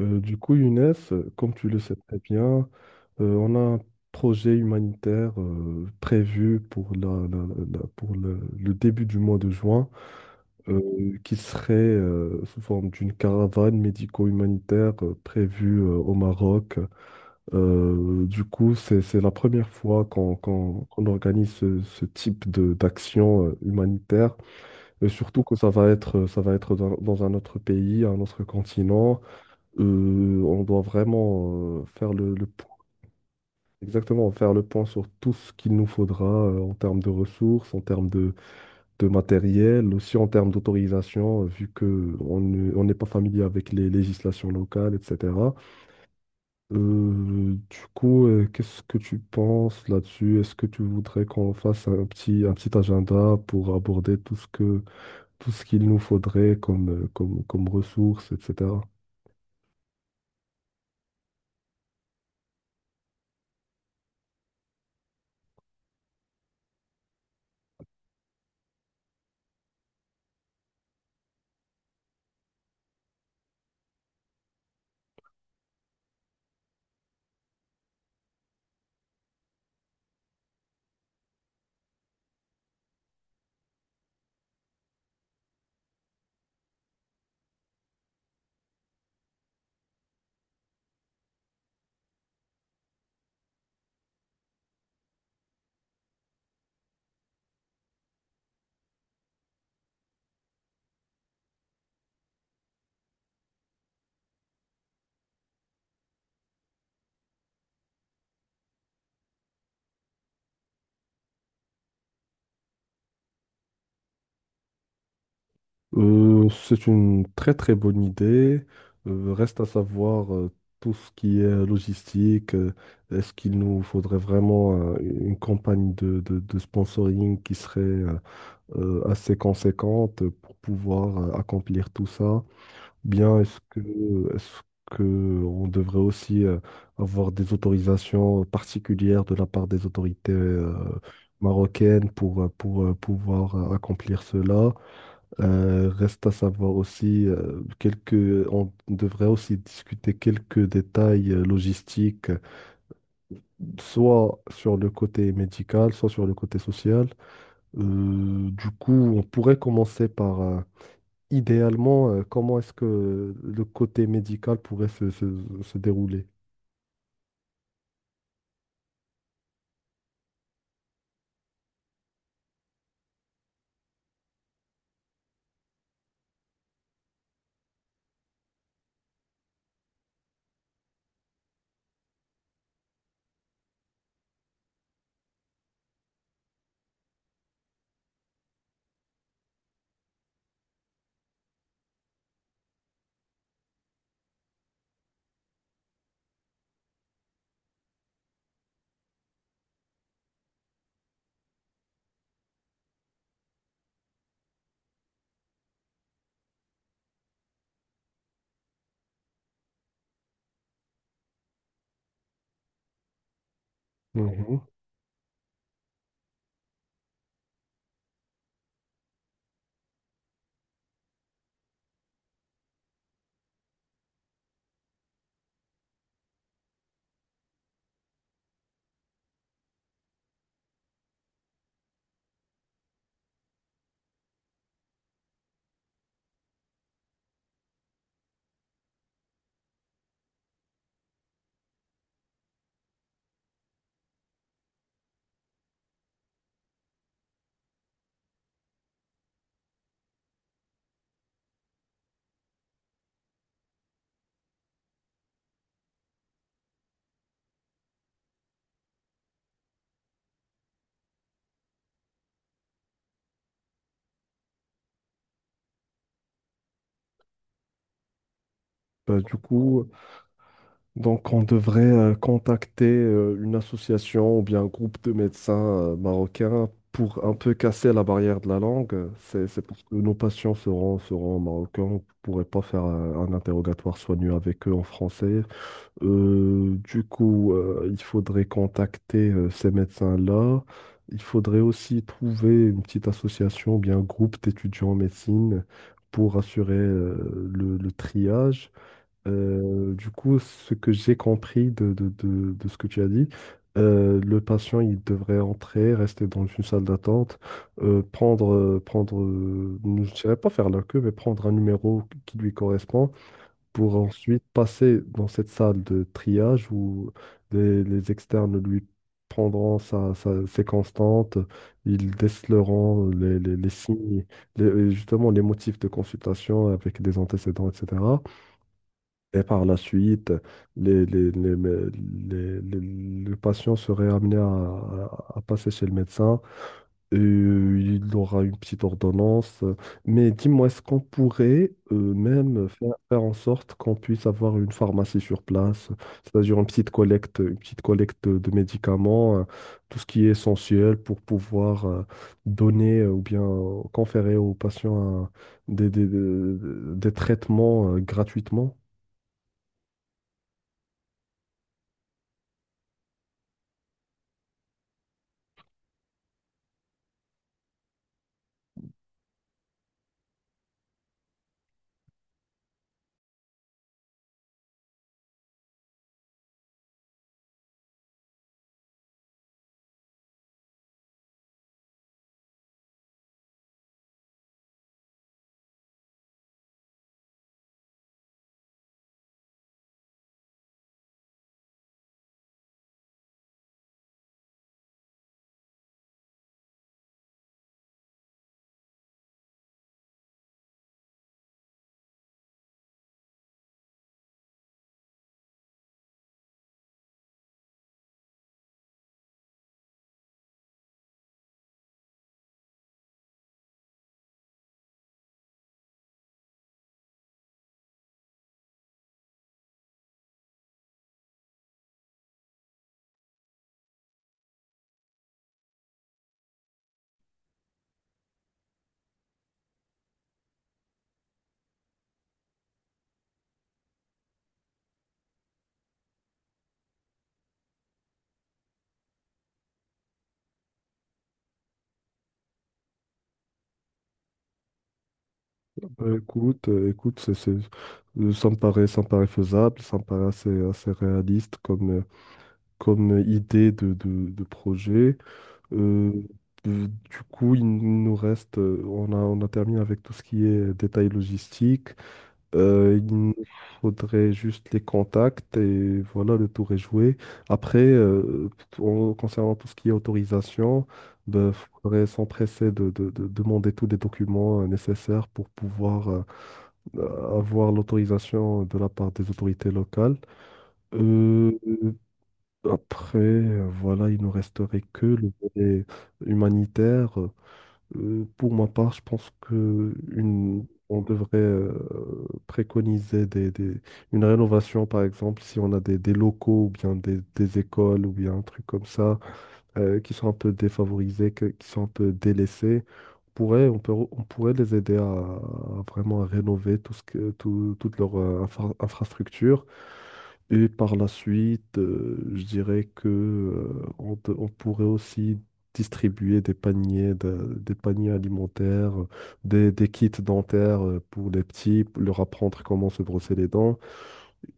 Younes, comme tu le sais très bien, on a un projet humanitaire prévu pour, pour le début du mois de juin, qui serait sous forme d'une caravane médico-humanitaire prévue au Maroc. C'est la première fois qu'on organise ce type d'action humanitaire, et surtout que ça va être dans un autre pays, un autre continent. Euh, on doit vraiment faire le point. Exactement, faire le point sur tout ce qu'il nous faudra en termes de ressources, en termes de matériel, aussi en termes d'autorisation, vu que on n'est pas familier avec les législations locales, etc. Qu'est-ce que tu penses là-dessus? Est-ce que tu voudrais qu'on fasse un petit agenda pour aborder tout ce qu'il nous faudrait comme, comme ressources, etc. C'est une très très bonne idée. Reste à savoir tout ce qui est logistique. Est-ce qu'il nous faudrait vraiment une campagne de sponsoring qui serait assez conséquente pour pouvoir accomplir tout ça? Bien, est-ce que on devrait aussi avoir des autorisations particulières de la part des autorités marocaines pour pouvoir accomplir cela? Reste à savoir aussi on devrait aussi discuter quelques détails logistiques, soit sur le côté médical, soit sur le côté social. On pourrait commencer par, idéalement, comment est-ce que le côté médical pourrait se dérouler. Mhm. Bah, du coup, Donc, on devrait contacter une association ou bien un groupe de médecins marocains pour un peu casser la barrière de la langue. C'est parce que nos patients seront, seront marocains. On ne pourrait pas faire un interrogatoire soigneux avec eux en français. Il faudrait contacter ces médecins-là. Il faudrait aussi trouver une petite association ou bien un groupe d'étudiants en médecine pour assurer le triage. Ce que j'ai compris de ce que tu as dit, le patient, il devrait entrer, rester dans une salle d'attente, prendre, je ne dirais pas faire la queue, mais prendre un numéro qui lui correspond pour ensuite passer dans cette salle de triage où les externes lui prendront ses constantes, ils déceleront les signes, les- justement les motifs de consultation avec des antécédents, etc. Et par la suite, les, les, les, les- les- les- le patient serait amené à passer chez le médecin. Et, il aura une petite ordonnance. Mais dis-moi, est-ce qu'on pourrait même faire en sorte qu'on puisse avoir une pharmacie sur place, c'est-à-dire une petite collecte de médicaments, tout ce qui est essentiel pour pouvoir donner ou bien conférer aux patients des traitements gratuitement? Ouais, écoute, écoute, ça me paraît faisable, ça me paraît assez, assez réaliste comme, comme idée de projet. Euh, il nous reste, on a terminé avec tout ce qui est détail logistique. Il nous faudrait juste les contacts et voilà, le tour est joué. Après, concernant tout ce qui est autorisation, il faudrait s'empresser de demander tous les documents nécessaires pour pouvoir avoir l'autorisation de la part des autorités locales. Euh, voilà, il ne resterait que le volet humanitaire. Pour ma part, je pense que une, on devrait préconiser une rénovation, par exemple, si on a des locaux ou bien des écoles ou bien un truc comme ça qui sont un peu défavorisés, que- qui sont un peu délaissés. On pourrait les aider à vraiment à rénover toute leur infrastructure. Et par la suite, je dirais que, on pourrait aussi distribuer des paniers, des paniers alimentaires, des kits dentaires pour les petits, pour leur apprendre comment se brosser les dents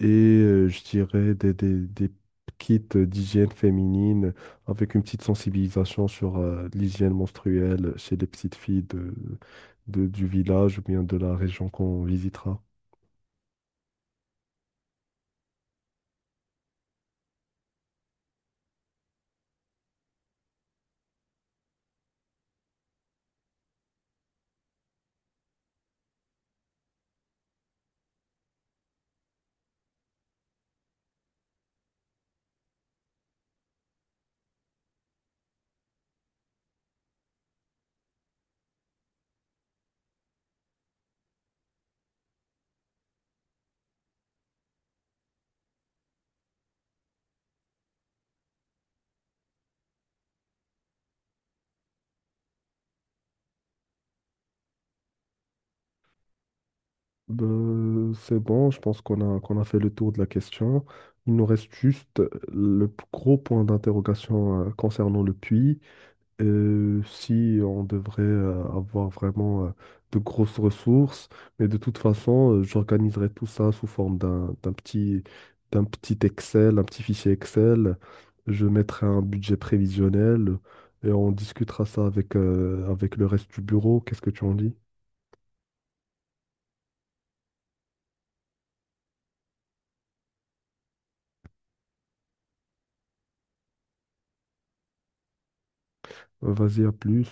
et je dirais des kits d'hygiène féminine avec une petite sensibilisation sur l'hygiène menstruelle chez les petites filles du village ou bien de la région qu'on visitera. Ben, c'est bon, je pense qu'on a fait le tour de la question. Il nous reste juste le gros point d'interrogation concernant le puits. Si on devrait avoir vraiment de grosses ressources, mais de toute façon, j'organiserai tout ça sous forme d'un petit Excel, un petit fichier Excel. Je mettrai un budget prévisionnel et on discutera ça avec, avec le reste du bureau. Qu'est-ce que tu en dis? Vas-y, à plus.